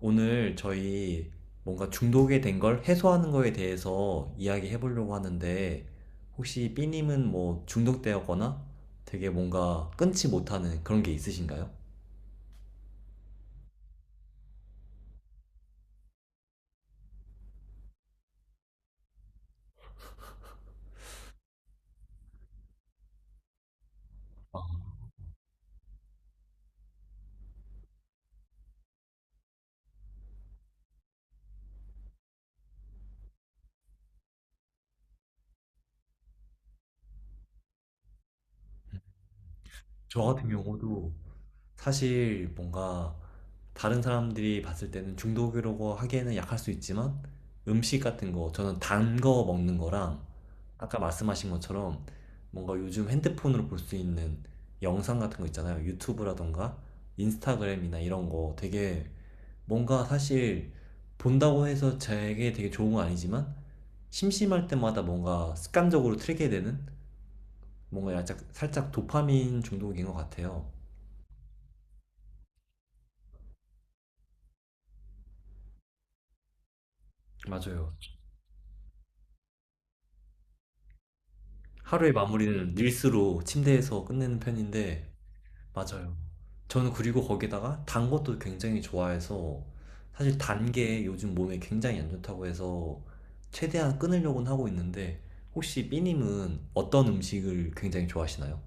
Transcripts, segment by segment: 오늘 저희 뭔가 중독이 된 걸 해소하는 거에 대해서 이야기해 보려고 하는데, 혹시 B님은 뭐 중독되었거나 되게 뭔가 끊지 못하는 그런 게 있으신가요? 저 같은 경우도 사실 뭔가 다른 사람들이 봤을 때는 중독이라고 하기에는 약할 수 있지만 음식 같은 거, 저는 단 거 먹는 거랑 아까 말씀하신 것처럼 뭔가 요즘 핸드폰으로 볼 수 있는 영상 같은 거 있잖아요. 유튜브라던가 인스타그램이나 이런 거 되게 뭔가 사실 본다고 해서 제게 되게 좋은 건 아니지만 심심할 때마다 뭔가 습관적으로 틀게 되는 뭔가 약간 살짝 도파민 중독인 것 같아요. 맞아요. 하루의 마무리는 릴스로 침대에서 끝내는 편인데, 맞아요. 저는 그리고 거기다가 단 것도 굉장히 좋아해서, 사실 단 게 요즘 몸에 굉장히 안 좋다고 해서, 최대한 끊으려고는 하고 있는데, 혹시 삐님은 어떤 음식을 굉장히 좋아하시나요?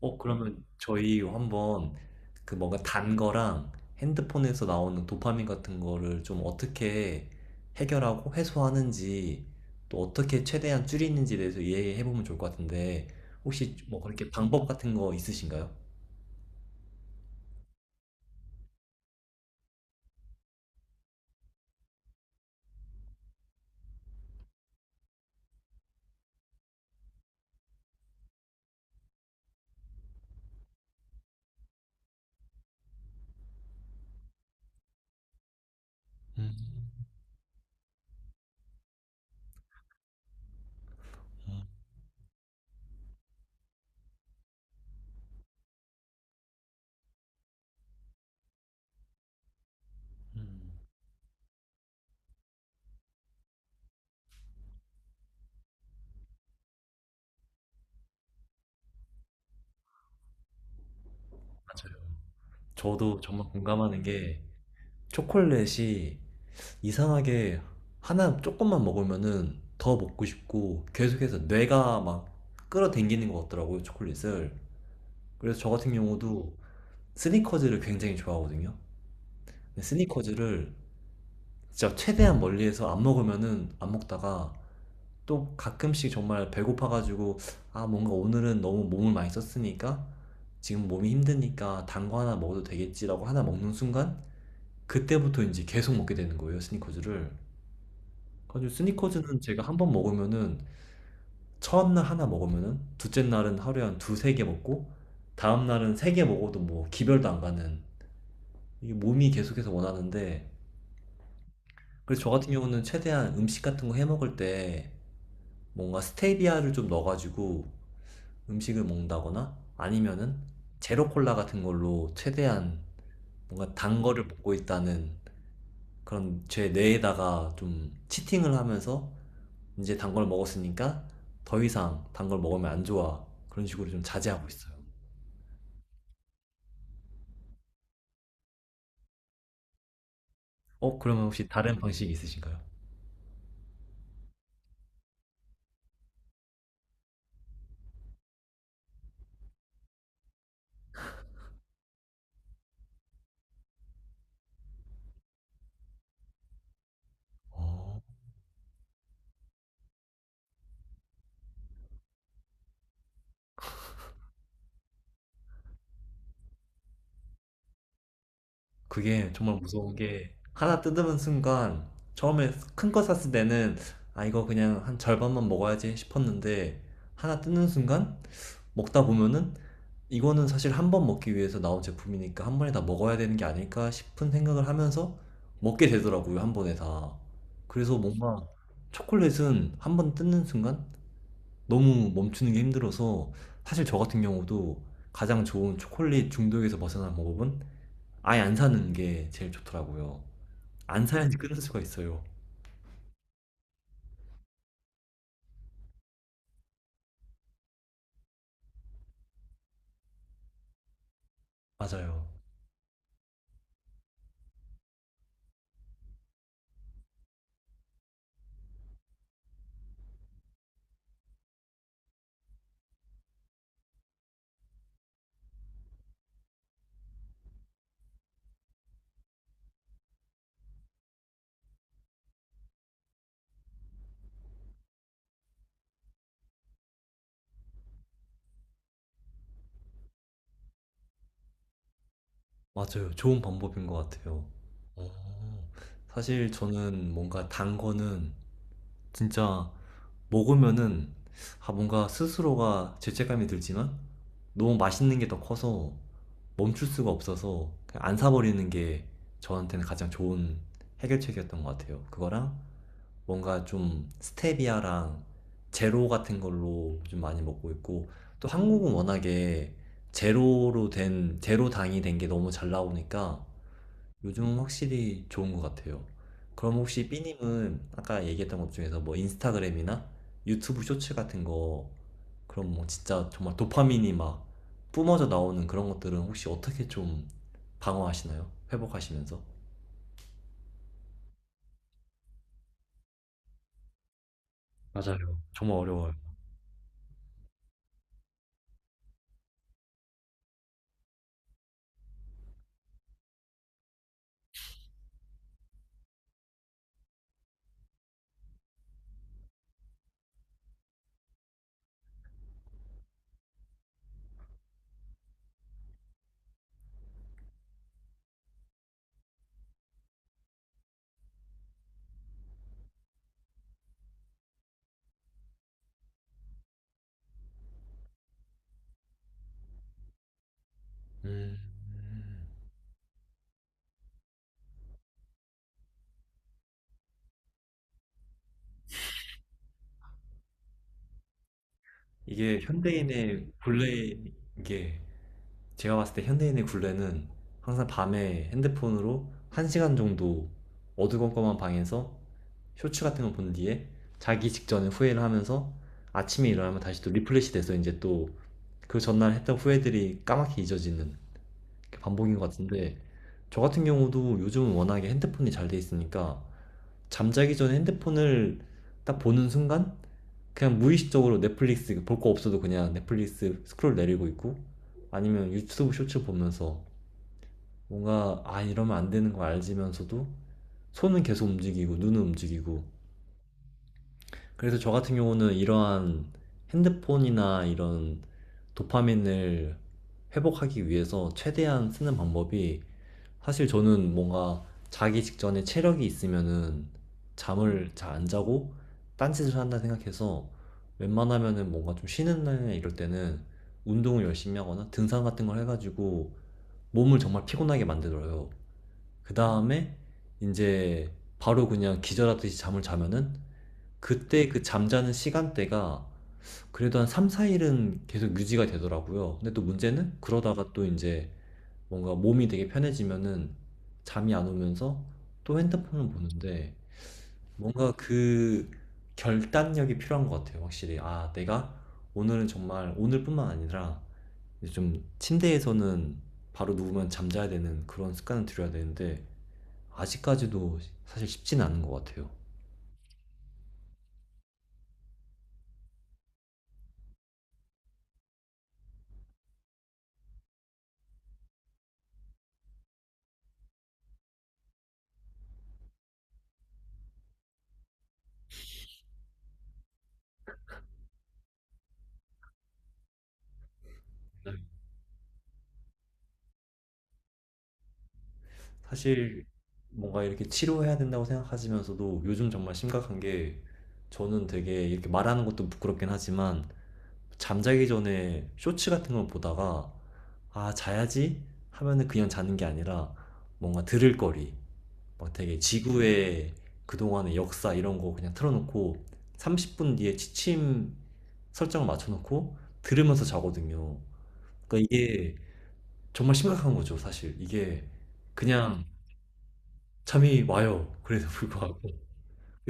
어, 그러면 저희 한번 그 뭔가 단 거랑 핸드폰에서 나오는 도파민 같은 거를 좀 어떻게 해결하고 해소하는지 또 어떻게 최대한 줄이는지에 대해서 이해해 보면 좋을 것 같은데 혹시 뭐 그렇게 방법 같은 거 있으신가요? 음, 음, 음. 저도 정말 공감하는 게 초콜릿이 이상하게 하나 조금만 먹으면은 더 먹고 싶고 계속해서 뇌가 막 끌어당기는 것 같더라고요, 초콜릿을. 그래서 저 같은 경우도 스니커즈를 굉장히 좋아하거든요. 근데 스니커즈를 진짜 최대한 멀리에서 안 먹으면은 안 먹다가 또 가끔씩 정말 배고파가지고 아, 뭔가 오늘은 너무 몸을 많이 썼으니까 지금 몸이 힘드니까 단거 하나 먹어도 되겠지라고 하나 먹는 순간 그때부터 이제 계속 먹게 되는 거예요, 스니커즈를. 그래서 스니커즈는 제가 한번 먹으면은 첫날 하나 먹으면은 둘째 날은 하루에 한 두세 개 먹고 다음 날은 세개 먹어도 뭐 기별도 안 가는, 이게 몸이 계속해서 원하는데, 그래서 저 같은 경우는 최대한 음식 같은 거 해 먹을 때 뭔가 스테비아를 좀 넣어가지고 음식을 먹는다거나 아니면은 제로 콜라 같은 걸로 최대한 뭔가 단 거를 먹고 있다는 그런 제 뇌에다가 좀 치팅을 하면서 이제 단 걸 먹었으니까 더 이상 단 걸 먹으면 안 좋아 그런 식으로 좀 자제하고 있어요. 어, 그러면 혹시 다른 방식이 있으신가요? 어. 그게 정말 무서운 게 하나 뜯으면 순간, 처음에 큰 거 샀을 때는 아, 이거 그냥 한 절반만 먹어야지 싶었는데 하나 뜯는 순간 먹다 보면은 이거는 사실 한 번 먹기 위해서 나온 제품이니까 한 번에 다 먹어야 되는 게 아닐까 싶은 생각을 하면서 먹게 되더라고요, 한 번에 다. 그래서 뭔가 초콜릿은 한 번 뜯는 순간 너무 멈추는 게 힘들어서 사실 저 같은 경우도 가장 좋은 초콜릿 중독에서 벗어난 방법은 아예 안 사는 게 제일 좋더라고요. 안 사야지 끊을 수가 있어요. 맞아요. 맞아요. 좋은 방법인 것 같아요. 어. 사실 저는 뭔가 단 거는 진짜 먹으면은 아, 뭔가 스스로가 죄책감이 들지만 너무 맛있는 게 더 커서 멈출 수가 없어서 그냥 안 사버리는 게 저한테는 가장 좋은 해결책이었던 것 같아요. 그거랑 뭔가 좀 스테비아랑 제로 같은 걸로 좀 많이 먹고 있고, 또 한국은 워낙에 제로로 된 제로 당이 된 게 너무 잘 나오니까 요즘은 확실히 좋은 것 같아요. 그럼 혹시 삐님은 아까 얘기했던 것 중에서 뭐 인스타그램이나 유튜브 쇼츠 같은 거, 그럼 뭐 진짜 정말 도파민이 막 뿜어져 나오는 그런 것들은 혹시 어떻게 좀 방어하시나요? 회복하시면서? 맞아요. 정말 어려워요. 음. 이게 현대인의 굴레, 이게 제가 봤을 때 현대인의 굴레는 항상 밤에 핸드폰으로 한시간 정도 어두컴컴한 방에서 쇼츠 같은 거 본 뒤에 자기 직전에 후회를 하면서 아침에 일어나면 다시 또 리플레시 돼서 이제 또 그 전날 했던 후회들이 까맣게 잊어지는 그 반복인 것 같은데, 저 같은 경우도 요즘은 워낙에 핸드폰이 잘 돼 있으니까 잠자기 전에 핸드폰을 딱 보는 순간 그냥 무의식적으로 넷플릭스 볼 거 없어도 그냥 넷플릭스 스크롤 내리고 있고, 아니면 유튜브 쇼츠 보면서 뭔가 아, 이러면 안 되는 거 알지면서도 손은 계속 움직이고 눈은 움직이고. 그래서 저 같은 경우는 이러한 핸드폰이나 이런 도파민을 회복하기 위해서 최대한 쓰는 방법이, 사실 저는 뭔가 자기 직전에 체력이 있으면은 잠을 잘 안 자고 딴짓을 한다 생각해서 웬만하면은 뭔가 좀 쉬는 날이나 이럴 때는 운동을 열심히 하거나 등산 같은 걸 해가지고 몸을 정말 피곤하게 만들어요. 그 다음에 이제 바로 그냥 기절하듯이 잠을 자면은 그때 그 잠자는 시간대가 그래도 한 3, 4일은 계속 유지가 되더라고요. 근데 또 문제는 그러다가 또 이제 뭔가 몸이 되게 편해지면은 잠이 안 오면서 또 핸드폰을 보는데, 뭔가 그 결단력이 필요한 것 같아요, 확실히. 아, 내가 오늘은 정말, 오늘뿐만 아니라 이제 좀 침대에서는 바로 누우면 잠자야 되는 그런 습관을 들여야 되는데 아직까지도 사실 쉽지는 않은 것 같아요. 네. 사실 뭔가 이렇게 치료해야 된다고 생각하시면서도 요즘 정말 심각한 게, 저는 되게 이렇게 말하는 것도 부끄럽긴 하지만 잠자기 전에 쇼츠 같은 걸 보다가 아, 자야지 하면은 그냥 자는 게 아니라 뭔가 들을 거리, 막 되게 지구의 그동안의 역사 이런 거 그냥 틀어놓고 30분 뒤에 취침 설정을 맞춰놓고 들으면서 자거든요. 그러니까 이게 정말 심각한 거죠, 사실. 이게 그냥 잠이 와요. 그래도 불구하고.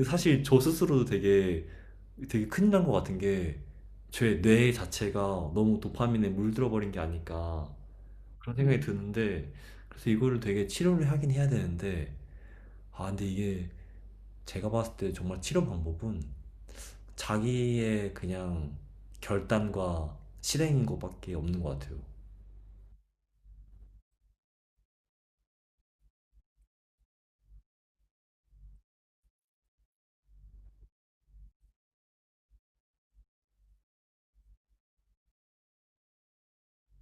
사실 저 스스로도 되게 되게 큰일 난 것 같은 게 제 뇌 자체가 너무 도파민에 물들어 버린 게 아닐까 그런 생각이 드는데, 그래서 이거를 되게 치료를 하긴 해야 되는데 아, 근데 이게 제가 봤을 때 정말 치료 방법은 자기의 그냥 결단과 실행인 것밖에 없는 것 같아요.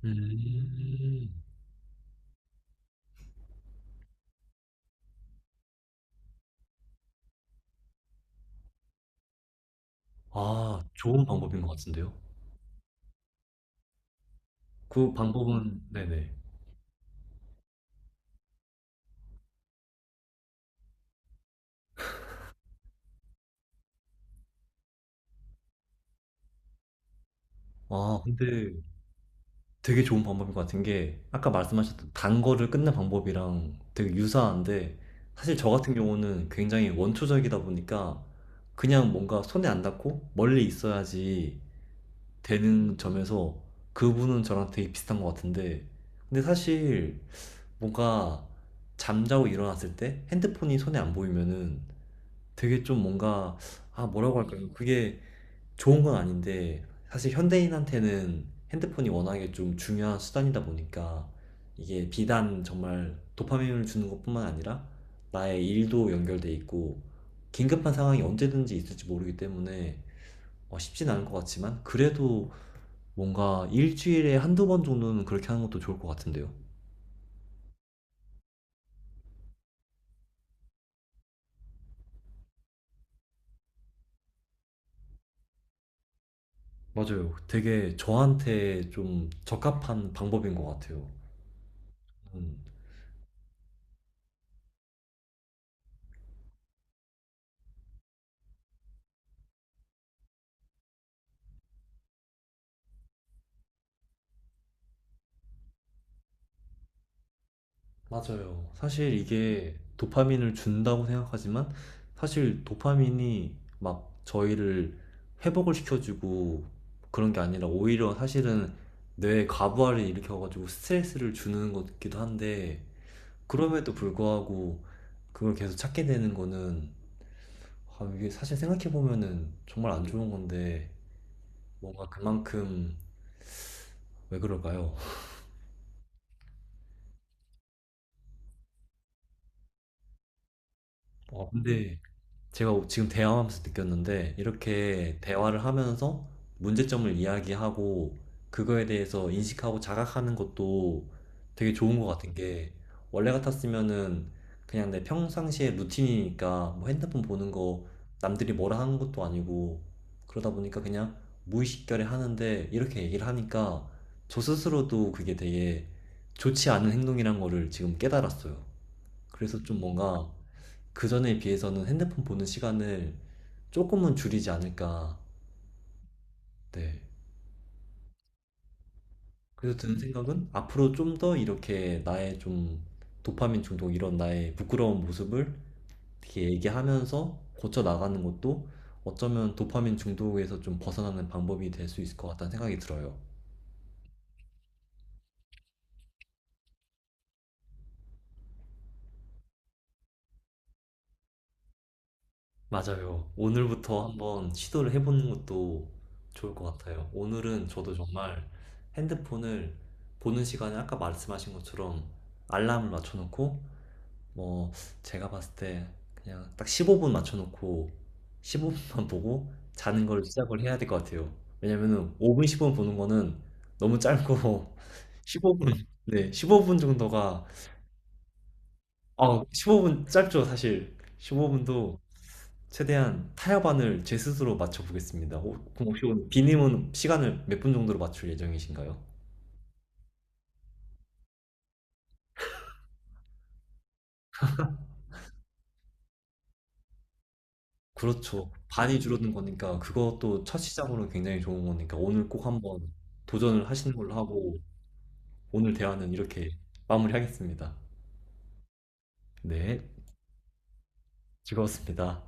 음. 아, 좋은 방법인 것 같은데요? 그 방법은, 네네. 아, 근데 되게 좋은 방법인 것 같은 게 아까 말씀하셨던 단 거를 끊는 방법이랑 되게 유사한데, 사실 저 같은 경우는 굉장히 원초적이다 보니까 그냥 뭔가 손에 안 닿고 멀리 있어야지 되는 점에서 그분은 저랑 되게 비슷한 것 같은데, 근데 사실 뭔가 잠자고 일어났을 때 핸드폰이 손에 안 보이면은 되게 좀 뭔가, 아, 뭐라고 할까요? 그게 좋은 건 아닌데 사실 현대인한테는 핸드폰이 워낙에 좀 중요한 수단이다 보니까 이게 비단 정말 도파민을 주는 것뿐만 아니라 나의 일도 연결돼 있고 긴급한 상황이 언제든지 있을지 모르기 때문에 어, 쉽진 않을 것 같지만 그래도 뭔가 일주일에 한두 번 정도는 그렇게 하는 것도 좋을 것 같은데요. 맞아요. 되게 저한테 좀 적합한 방법인 것 같아요. 음. 맞아요. 사실 이게 도파민을 준다고 생각하지만 사실 도파민이 막 저희를 회복을 시켜주고 그런 게 아니라 오히려 사실은 뇌에 과부하를 일으켜가지고 스트레스를 주는 것기도 한데, 그럼에도 불구하고 그걸 계속 찾게 되는 거는, 아, 이게 사실 생각해보면은 정말 안 좋은 건데 뭔가 그만큼, 왜 그럴까요? 아, 근데 제가 지금 대화하면서 느꼈는데 이렇게 대화를 하면서 문제점을 이야기하고 그거에 대해서 인식하고 자각하는 것도 되게 좋은 것 같은 게, 원래 같았으면은 그냥 내 평상시의 루틴이니까 뭐 핸드폰 보는 거 남들이 뭐라 하는 것도 아니고 그러다 보니까 그냥 무의식결에 하는데, 이렇게 얘기를 하니까 저 스스로도 그게 되게 좋지 않은 행동이란 거를 지금 깨달았어요. 그래서 좀 뭔가 그전에 비해서는 핸드폰 보는 시간을 조금은 줄이지 않을까. 네. 그래서 드는 생각은 앞으로 좀 더 이렇게 나의 좀 도파민 중독 이런 나의 부끄러운 모습을 이렇게 얘기하면서 고쳐 나가는 것도 어쩌면 도파민 중독에서 좀 벗어나는 방법이 될 수 있을 것 같다는 생각이 들어요. 맞아요. 오늘부터 한번 시도를 해보는 것도 좋을 것 같아요. 오늘은 저도 정말 핸드폰을 보는 시간에 아까 말씀하신 것처럼 알람을 맞춰놓고, 뭐 제가 봤을 때 그냥 딱 15분 맞춰놓고 15분만 보고 자는 걸 시작을 해야 될 것 같아요. 왜냐면은 5분, 10분 보는 거는 너무 짧고 15분, 네, 15분 정도가, 아, 15분 짧죠, 사실. 15분도 최대한 타협안을 제 스스로 맞춰보겠습니다. 오, 그럼 혹시 오늘 비님은 시간을 몇 분 정도로 맞출 예정이신가요? 그렇죠. 반이 줄어든 거니까 그것도 첫 시작으로 굉장히 좋은 거니까 오늘 꼭 한번 도전을 하시는 걸로 하고 오늘 대화는 이렇게 마무리하겠습니다. 네, 즐거웠습니다.